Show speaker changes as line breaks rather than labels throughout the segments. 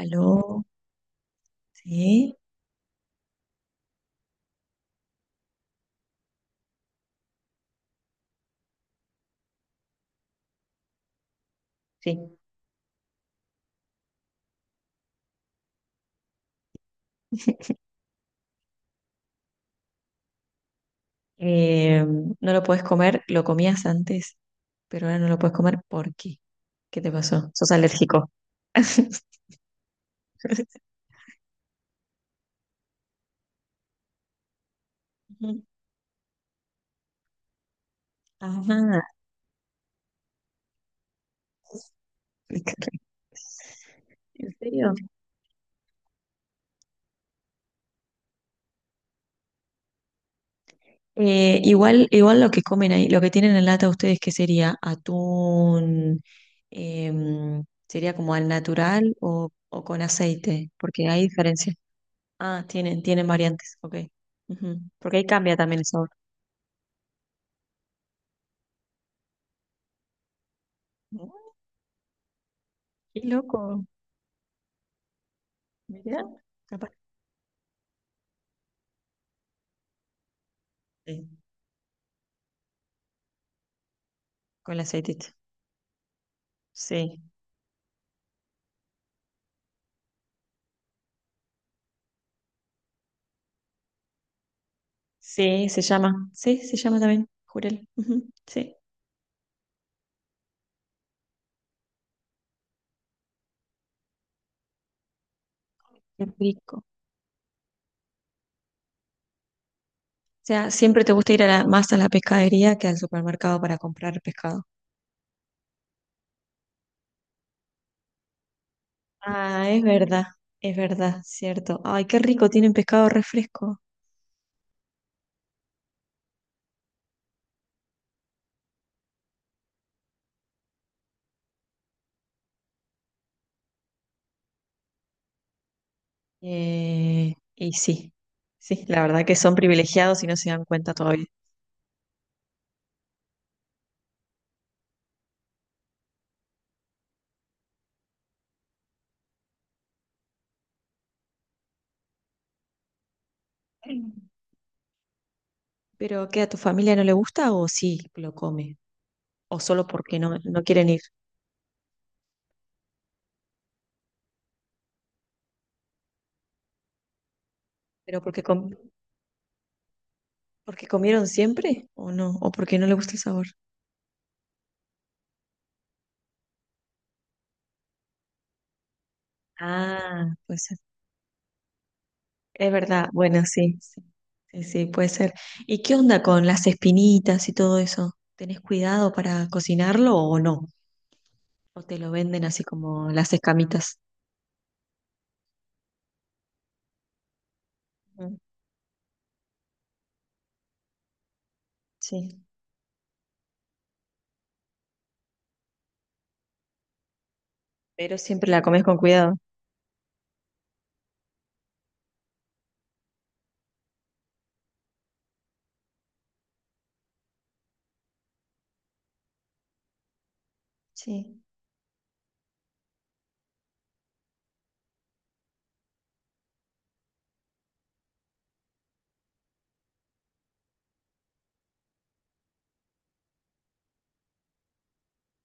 Aló, sí, sí. Eh, no lo puedes comer, lo comías antes, pero ahora no lo puedes comer. ¿Por qué? ¿Qué te pasó? ¿Sos alérgico? Ujú. Ajá. ¿En serio? Igual lo que comen ahí, lo que tienen en lata ustedes, ¿qué sería? ¿Atún? ¿Sería como al natural o con aceite? Porque hay diferencia. Ah, tienen variantes, ok. Ujú. Porque ahí cambia también el sabor. Qué loco, mirá, capaz. Sí, con la aceitita. Sí, sí, se llama. Sí, se llama también, jurel. Ujú. Sí, qué rico. O sea, siempre te gusta ir a la más a la pescadería que al supermercado para comprar pescado. Ah, es verdad, cierto. Ay, qué rico, tienen pescado refresco. Y sí, la verdad que son privilegiados y no se dan cuenta todavía. Mm. Pero ¿qué, a tu familia no le gusta o sí lo come? O solo porque no quieren ir. Pero porque com- ¿Porque comieron siempre o no? ¿O porque no le gusta el sabor? Ah, puede ser. Es verdad, bueno, sí, sí, sí, sí, puede ser. ¿Y qué onda con las espinitas y todo eso? ¿Tenés cuidado para cocinarlo o no? ¿O te lo venden así como las escamitas? Ujú. Sí, pero siempre la comes con cuidado. Sí.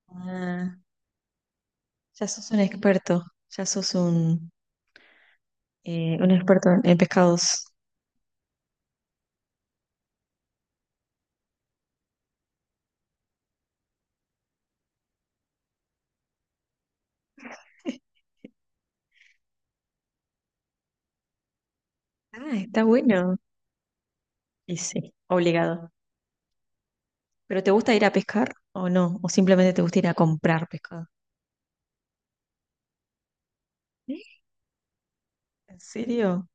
Ah, ya sos un experto, ya sos un experto en pescados. Ah, está bueno. Y sí, obligado. ¿Pero te gusta ir a pescar o no? ¿O simplemente te gusta ir a comprar pescado? ¿Eh? ¿En serio?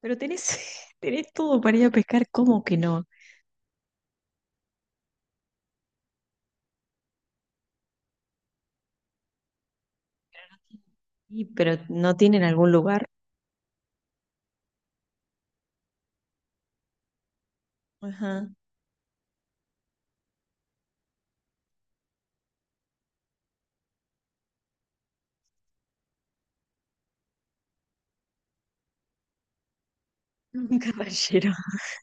Pero tenés, tenés todo para ir a pescar, ¿cómo que no? Y, pero no tienen algún lugar. Ajá. Un caballero.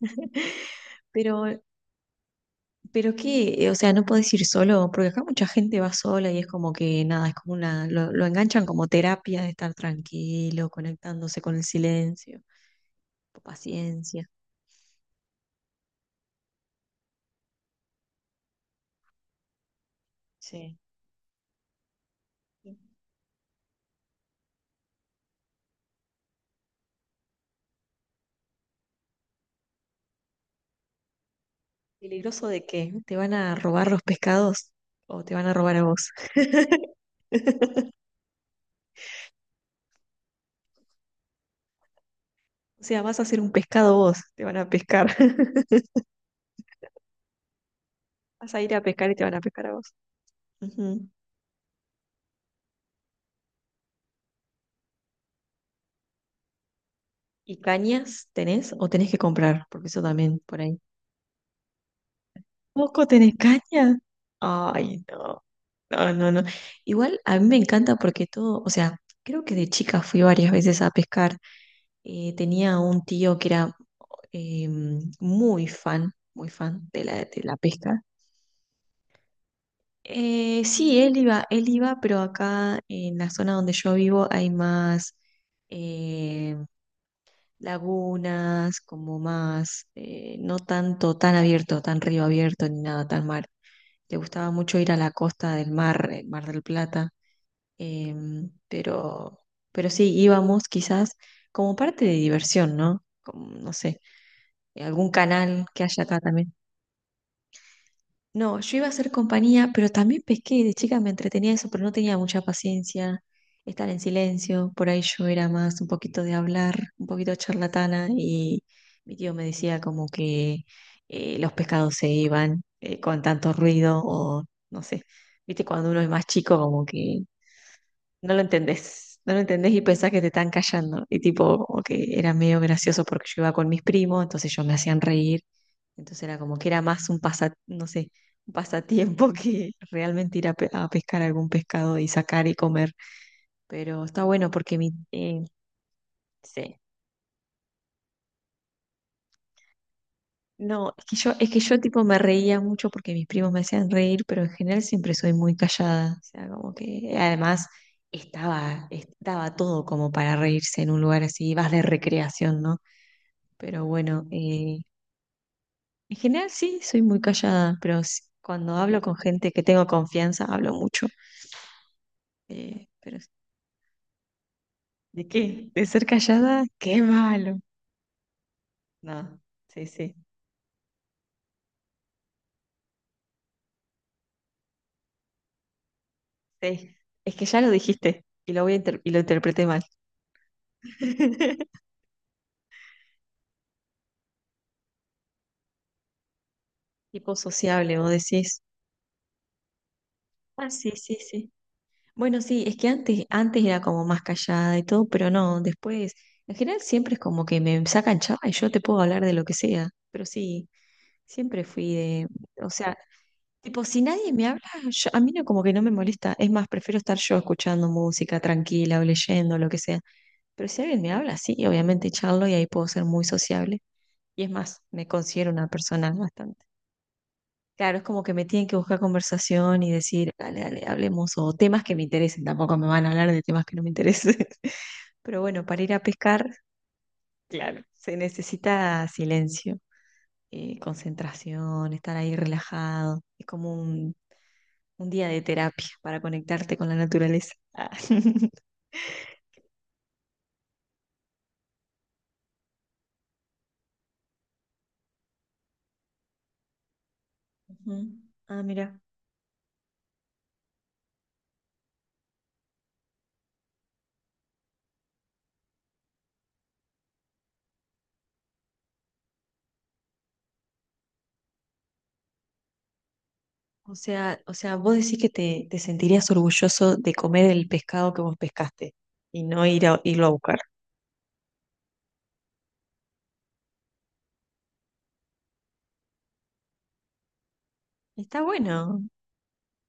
Pero, pero qué, o sea, no podés ir solo, porque acá mucha gente va sola y es como que nada, es como una, lo enganchan como terapia de estar tranquilo, conectándose con el silencio, con paciencia. Sí. ¿Peligroso de qué? ¿Te van a robar los pescados o te van a robar a vos? O sea, vas a ser un pescado vos, te van a pescar. Vas a ir a pescar y te van a pescar a vos. Ujú. ¿Y cañas tenés o tenés que comprar? Porque eso también por ahí. ¿Poco tenés caña? Ay, no. No, no, no. Igual a mí me encanta porque todo, o sea, creo que de chica fui varias veces a pescar. Tenía un tío que era eh, muy fan de la pesca. Sí, él iba, pero acá en la zona donde yo vivo hay más eh, lagunas, como más, no tanto tan abierto, tan río abierto ni nada tan mar. Le gustaba mucho ir a la costa del mar, el Mar del Plata, em, pero, pero sí, íbamos quizás como parte de diversión, ¿no? Como, no sé, algún canal que haya acá también. No, yo iba a hacer compañía, pero también pesqué, de chica me entretenía eso, pero no tenía mucha paciencia, estar en silencio, por ahí yo era más un poquito de hablar, un poquito charlatana y mi tío me decía como que los pescados se iban con tanto ruido o no sé, viste, cuando uno es más chico como que no lo entendés, no lo entendés y pensás que te están callando y tipo, como que era medio gracioso porque yo iba con mis primos, entonces ellos me hacían reír, entonces era como que era más un pasa, no sé, un pasatiempo que realmente ir a, pe- a pescar algún pescado y sacar y comer. Pero está bueno porque mi, sí. No, es que yo tipo me reía mucho porque mis primos me hacían reír, pero en general siempre soy muy callada. O sea, como que además estaba todo como para reírse en un lugar así, vas de recreación, ¿no? Pero bueno, en general sí, soy muy callada, pero s- cuando hablo con gente que tengo confianza, hablo mucho. Pero ¿de qué? ¿De ser callada? ¡Qué malo! No, sí, sí, sí. Es que ya lo dijiste y lo voy a inter- y lo interpreté mal. Tipo sociable, vos decís. Ah, sí, sí, sí. Bueno, sí, es que antes, antes era como más callada y todo, pero no, después, en general siempre es como que me sacan chava y yo te puedo hablar de lo que sea. Pero sí, siempre fui de, o sea, tipo, si nadie me habla, yo- a mí no, como que no me molesta. Es más, prefiero estar yo escuchando música tranquila o leyendo, lo que sea. Pero si alguien me habla, sí, obviamente charlo y ahí puedo ser muy sociable. Y es más, me considero una persona bastante. Claro, es como que me tienen que buscar conversación y decir, dale, dale, hablemos, o temas que me interesen, tampoco me van a hablar de temas que no me interesen. Pero bueno, para ir a pescar, claro, se necesita silencio, concentración, estar ahí relajado. Es como un día de terapia para conectarte con la naturaleza. Ah, Ujú. Ah, mira. O sea, vos decís que te sentirías orgulloso de comer el pescado que vos pescaste y no ir a, irlo a buscar. Está bueno.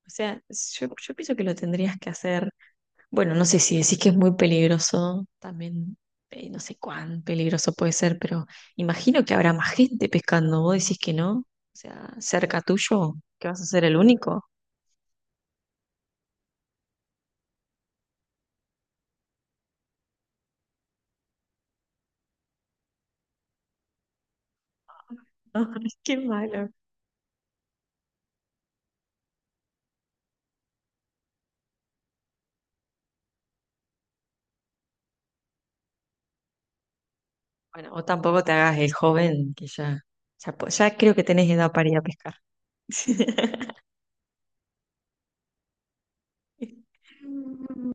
O sea, yo pienso que lo tendrías que hacer. Bueno, no sé si decís que es muy peligroso, también no sé cuán peligroso puede ser, pero imagino que habrá más gente pescando. Vos decís que no. O sea, cerca tuyo, que vas a ser el único. No, qué malo. Bueno, o tampoco te hagas el joven, que ya, ya, po- ya creo que tenés edad para ir a pescar. Mm.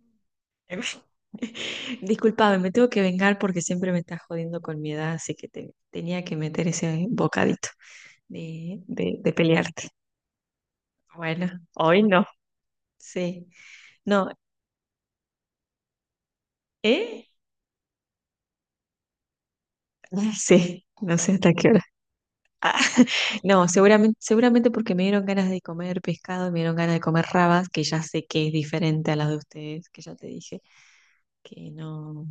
Disculpame, me tengo que vengar porque siempre me estás jodiendo con mi edad, así que te, tenía que meter ese bocadito de pelearte. Bueno, hoy no. Sí. No, ¿eh? Sí, no sé hasta qué hora. No, seguramente, seguramente porque me dieron ganas de comer pescado, me dieron ganas de comer rabas, que ya sé que es diferente a las de ustedes, que ya te dije, que no.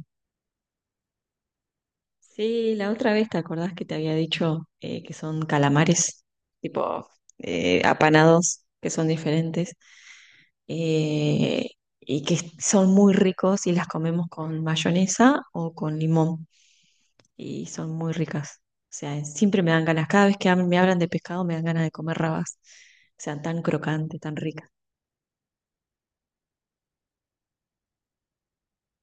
Sí, la otra vez te acordás que te había dicho que son calamares, tipo apanados, que son diferentes eh, y que son muy ricos y las comemos con mayonesa o con limón y son muy ricas. O sea, siempre me dan ganas, cada vez que hab- me hablan de pescado me dan ganas de comer rabas, o sea, tan crocante, tan ricas.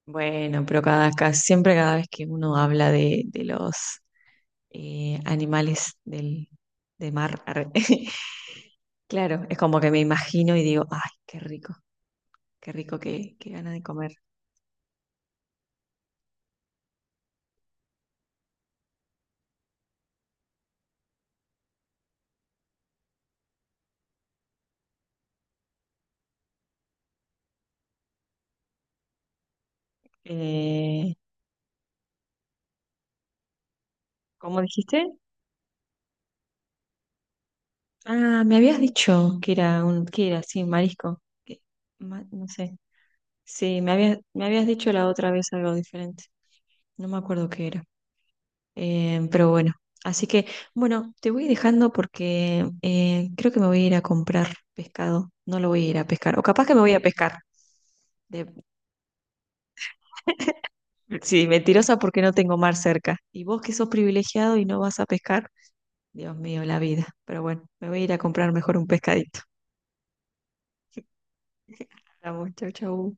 Bueno, pero cada, ca- siempre cada vez que uno habla de los animales del, de mar, arre, claro, es como que me imagino y digo, ay, qué rico, qué rico, qué, qué gana de comer. Eh, ¿Cómo dijiste? Ah, me habías dicho que era un, que era, sí, marisco. Que- ma- no sé. Sí, me habías dicho la otra vez algo diferente. No me acuerdo qué era. Pero bueno, así que, bueno, te voy dejando porque creo que me voy a ir a comprar pescado. No lo voy a ir a pescar. O capaz que me voy a pescar. Sí, mentirosa porque no tengo mar cerca. Y vos que sos privilegiado y no vas a pescar, Dios mío, la vida. Pero bueno, me voy a ir a comprar mejor un pescadito. Vamos, chau, chau.